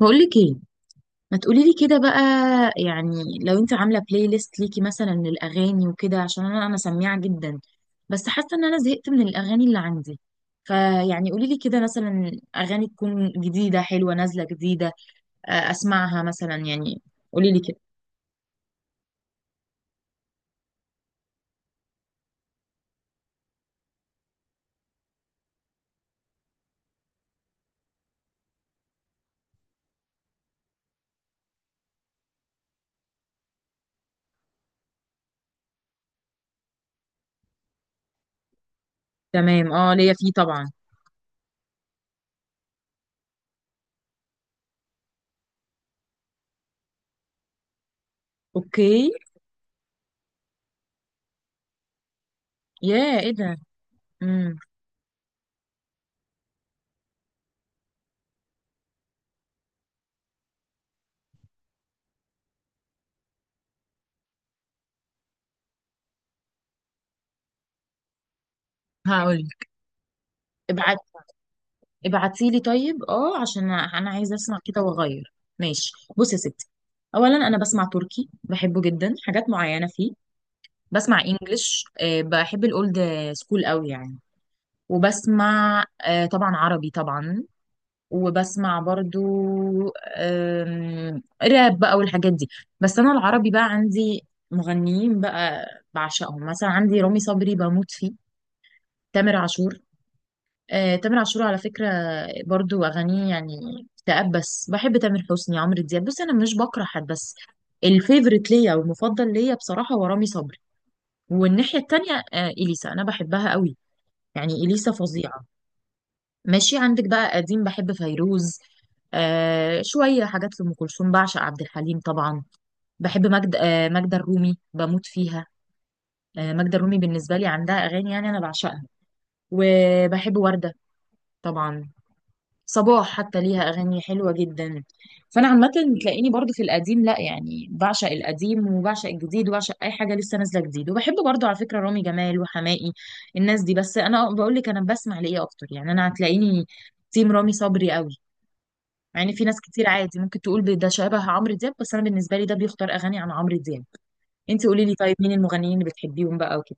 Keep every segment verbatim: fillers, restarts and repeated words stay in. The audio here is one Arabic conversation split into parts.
بقولك ايه؟ ما تقولي لي كده بقى. يعني لو انت عامله بلاي ليست ليكي مثلا للاغاني وكده، عشان انا انا سميعه جدا، بس حاسه ان انا زهقت من الاغاني اللي عندي. فيعني قولي لي كده مثلا، اغاني تكون جديده حلوه نازله جديده، آه، اسمعها مثلا يعني. قولي لي كده. تمام، اه، ليا فيه طبعا. اوكي. يا ايه ده؟ امم. هقول. ابعت. ابعتيلي طيب، اه، عشان انا عايزه اسمع كده واغير. ماشي. بصي يا ستي، اولا انا بسمع تركي، بحبه جدا، حاجات معينه فيه. بسمع انجلش، آه، بحب الاولد سكول قوي يعني. وبسمع آه، طبعا عربي طبعا. وبسمع برضو آم، راب بقى والحاجات دي. بس انا العربي بقى عندي مغنيين بقى بعشقهم، مثلا عندي رامي صبري بموت فيه، تامر عاشور. آه، تامر عاشور على فكرة برضو أغانيه يعني اكتئاب، بس بحب تامر حسني، عمرو دياب. بص، أنا مش بكره حد، بس الفيفوريت ليا والمفضل ليا بصراحة هو رامي صبري. والناحية التانية آه، إليسا أنا بحبها قوي. يعني إليسا فظيعة. ماشي، عندك بقى قديم، بحب فيروز، آه، شوية حاجات لأم كلثوم، بعشق عبد الحليم طبعا. بحب مجد، آه، ماجدة الرومي بموت فيها. آه، ماجدة الرومي بالنسبة لي عندها أغاني يعني أنا بعشقها. وبحب وردة طبعا. صباح حتى ليها اغاني حلوه جدا. فانا عامه تلاقيني برضو في القديم، لا يعني بعشق القديم وبعشق الجديد وبعشق اي حاجه لسه نازله جديد. وبحب برضو على فكره رامي جمال وحماقي، الناس دي. بس انا بقول لك انا بسمع لايه اكتر؟ يعني انا هتلاقيني تيم رامي صبري قوي. مع ان في ناس كتير عادي ممكن تقول ب- ده شبه عمرو دياب، بس انا بالنسبه لي ده بيختار اغاني عن عمرو دياب. انت قولي لي طيب، مين المغنيين اللي بتحبيهم بقى وكده؟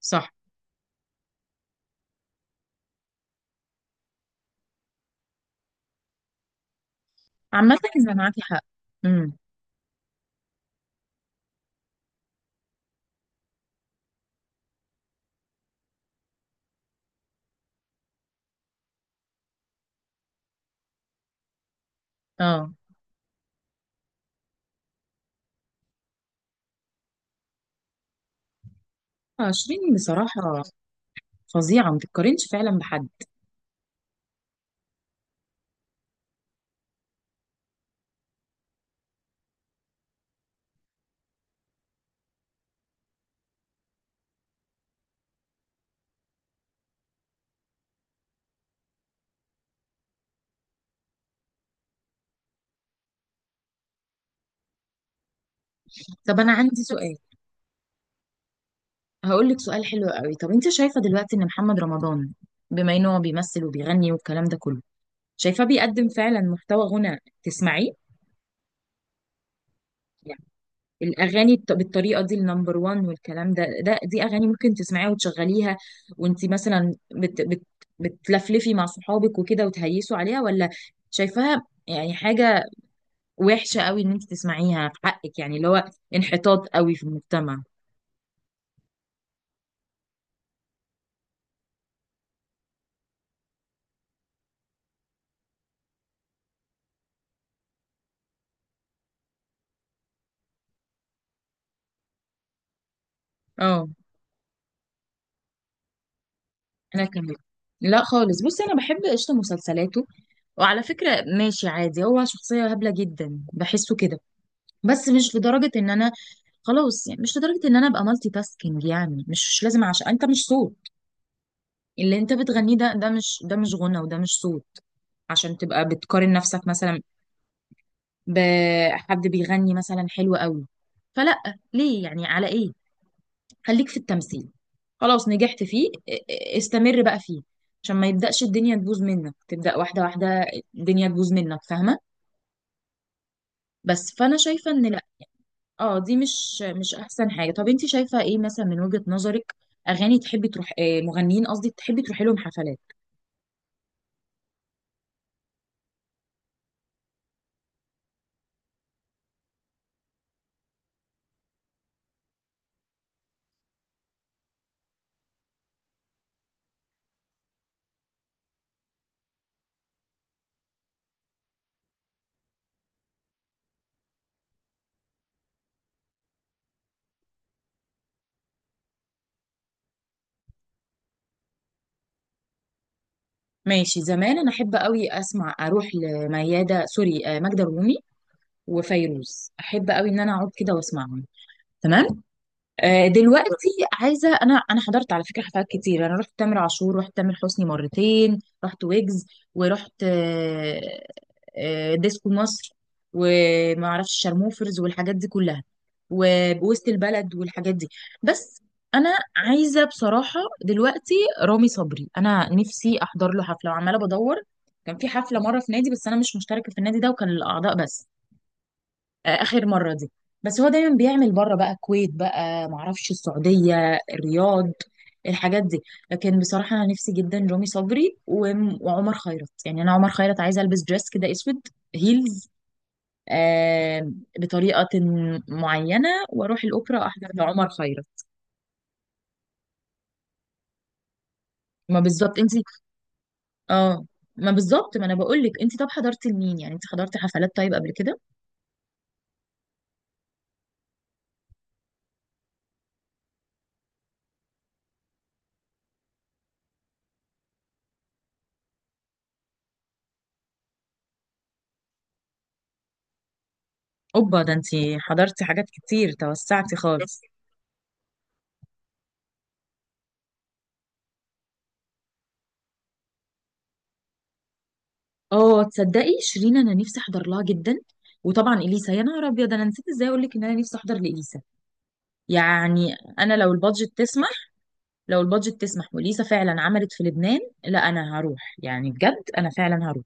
صح. عامه اذا معاكي حق. امم. اه، عشرين بصراحه. فظيعه، ما تتقارنش فعلا بحد. طب انا عندي سؤال، هقول لك سؤال حلو قوي. طب انت شايفه دلوقتي ان محمد رمضان، بما ان هو بيمثل وبيغني والكلام ده كله، شايفاه بيقدم فعلا محتوى غنى تسمعيه؟ يعني الاغاني الط- بالطريقه دي، النمبر وان والكلام ده ده دي اغاني ممكن تسمعيها وتشغليها، وانت مثلا بت بت بتلفلفي مع صحابك وكده وتهيسوا عليها؟ ولا شايفاها يعني حاجه وحشه قوي ان انت تسمعيها في حقك، يعني اللي هو انحطاط قوي في المجتمع؟ اه، انا كمان لا خالص. بصي انا بحب قشطه مسلسلاته، وعلى فكره ماشي عادي، هو شخصيه هبله جدا بحسه كده، بس مش لدرجه ان انا، خلاص يعني مش لدرجه ان انا ابقى مالتي تاسكينج. يعني مش لازم، عشان انت مش صوت. اللي انت بتغنيه ده، ده مش ده مش غنى وده مش صوت عشان تبقى بتقارن نفسك مثلا بحد بيغني مثلا حلو قوي. فلا، ليه يعني؟ على ايه؟ خليك في التمثيل، خلاص نجحت فيه، ا- ا- استمر بقى فيه، عشان ما يبدأش الدنيا تبوظ منك، تبدأ واحدة واحدة الدنيا تبوظ منك، فاهمة؟ بس فأنا شايفة إن لأ، اه، دي مش مش أحسن حاجة. طب انت شايفة ايه مثلا من وجهة نظرك؟ أغاني تحبي تروح، آه، مغنيين قصدي تحبي تروحي لهم حفلات؟ ماشي، زمان أنا أحب قوي أسمع أروح لميادة، سوري، آه، ماجدة الرومي وفيروز، أحب قوي إن أنا أقعد كده وأسمعهم. تمام. آه، دلوقتي عايزه، انا انا حضرت على فكره حفلات كتير. انا رحت تامر عاشور، رحت تامر حسني مرتين، رحت ويجز، ورحت آه، آه، ديسكو مصر، وما اعرفش شارموفرز والحاجات دي كلها، ووسط البلد والحاجات دي. بس انا عايزه بصراحه دلوقتي رامي صبري، انا نفسي احضر له حفله، وعماله بدور. كان في حفله مره في نادي، بس انا مش مشتركه في النادي ده، وكان الاعضاء بس آه، اخر مره دي. بس هو دايما بيعمل بره بقى، الكويت بقى، معرفش، السعوديه، الرياض، الحاجات دي. لكن بصراحه انا نفسي جدا رامي صبري، وم- وعمر خيرت. يعني انا عمر خيرت عايزه البس دريس كده اسود، هيلز، آه، بطريقه معينه، واروح الاوبرا احضر لعمر خيرت. ما بالظبط انت. اه، ما بالظبط، ما انا بقول لك، انت طب حضرتي لمين يعني؟ انت حضرتي حفلات طيب قبل كده؟ اوبا، ده انت حضرتي حاجات كتير، توسعتي خالص. اه تصدقي شيرين انا نفسي احضر لها جدا، وطبعا اليسا، يا نهار ابيض، انا نسيت ازاي اقول لك ان انا نفسي احضر لاليسا. يعني انا لو البادجت تسمح، لو البادجت تسمح واليسا فعلا عملت في لبنان، لا انا هروح، يعني بجد انا فعلا هروح.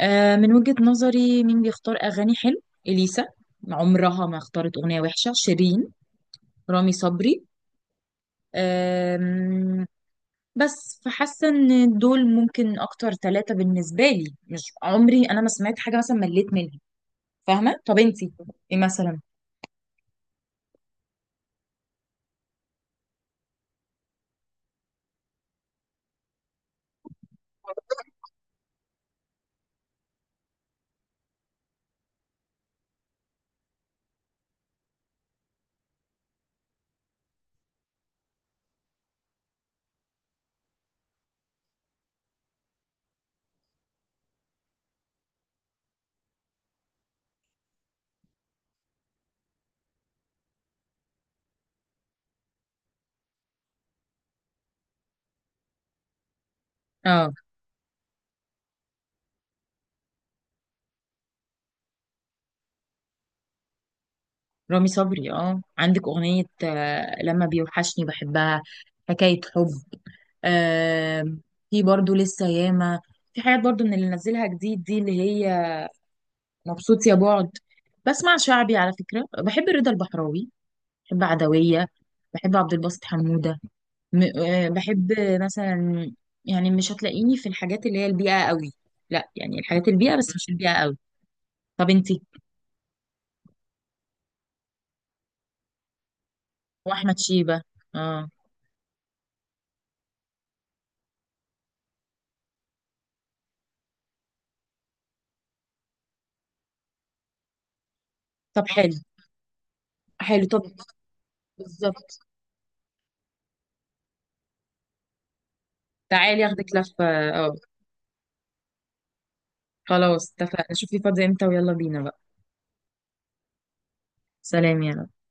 آه، من وجهة نظري مين بيختار اغاني حلو؟ اليسا، عمرها ما اختارت اغنيه وحشه. شيرين. رامي صبري. آم، بس فحاسه ان دول ممكن اكتر ثلاثه بالنسبه لي، مش عمري انا ما سمعت حاجه مثلا مليت منها. فاهمه؟ طب انتي ايه مثلا؟ اه، رامي صبري، اه، عندك اغنية، آه لما بيوحشني بحبها، حكاية حب، آه. في برضو لسه ياما، في حاجات برضو من اللي نزلها جديد دي، اللي هي مبسوط يا بعد. بسمع شعبي على فكرة، بحب رضا البحراوي، بحب عدوية، بحب عبد الباسط حمودة. م آه بحب مثلا، يعني مش هتلاقيني في الحاجات اللي هي البيئة قوي، لا يعني الحاجات البيئة بس مش البيئة قوي. طب انتي؟ واحمد شيبة، اه. طب حلو، حلو طب. بالظبط. تعالي اخدك لفة، اه، خلاص اتفقنا. شوفي فاضية امتى ويلا بينا بقى. سلام يا رب.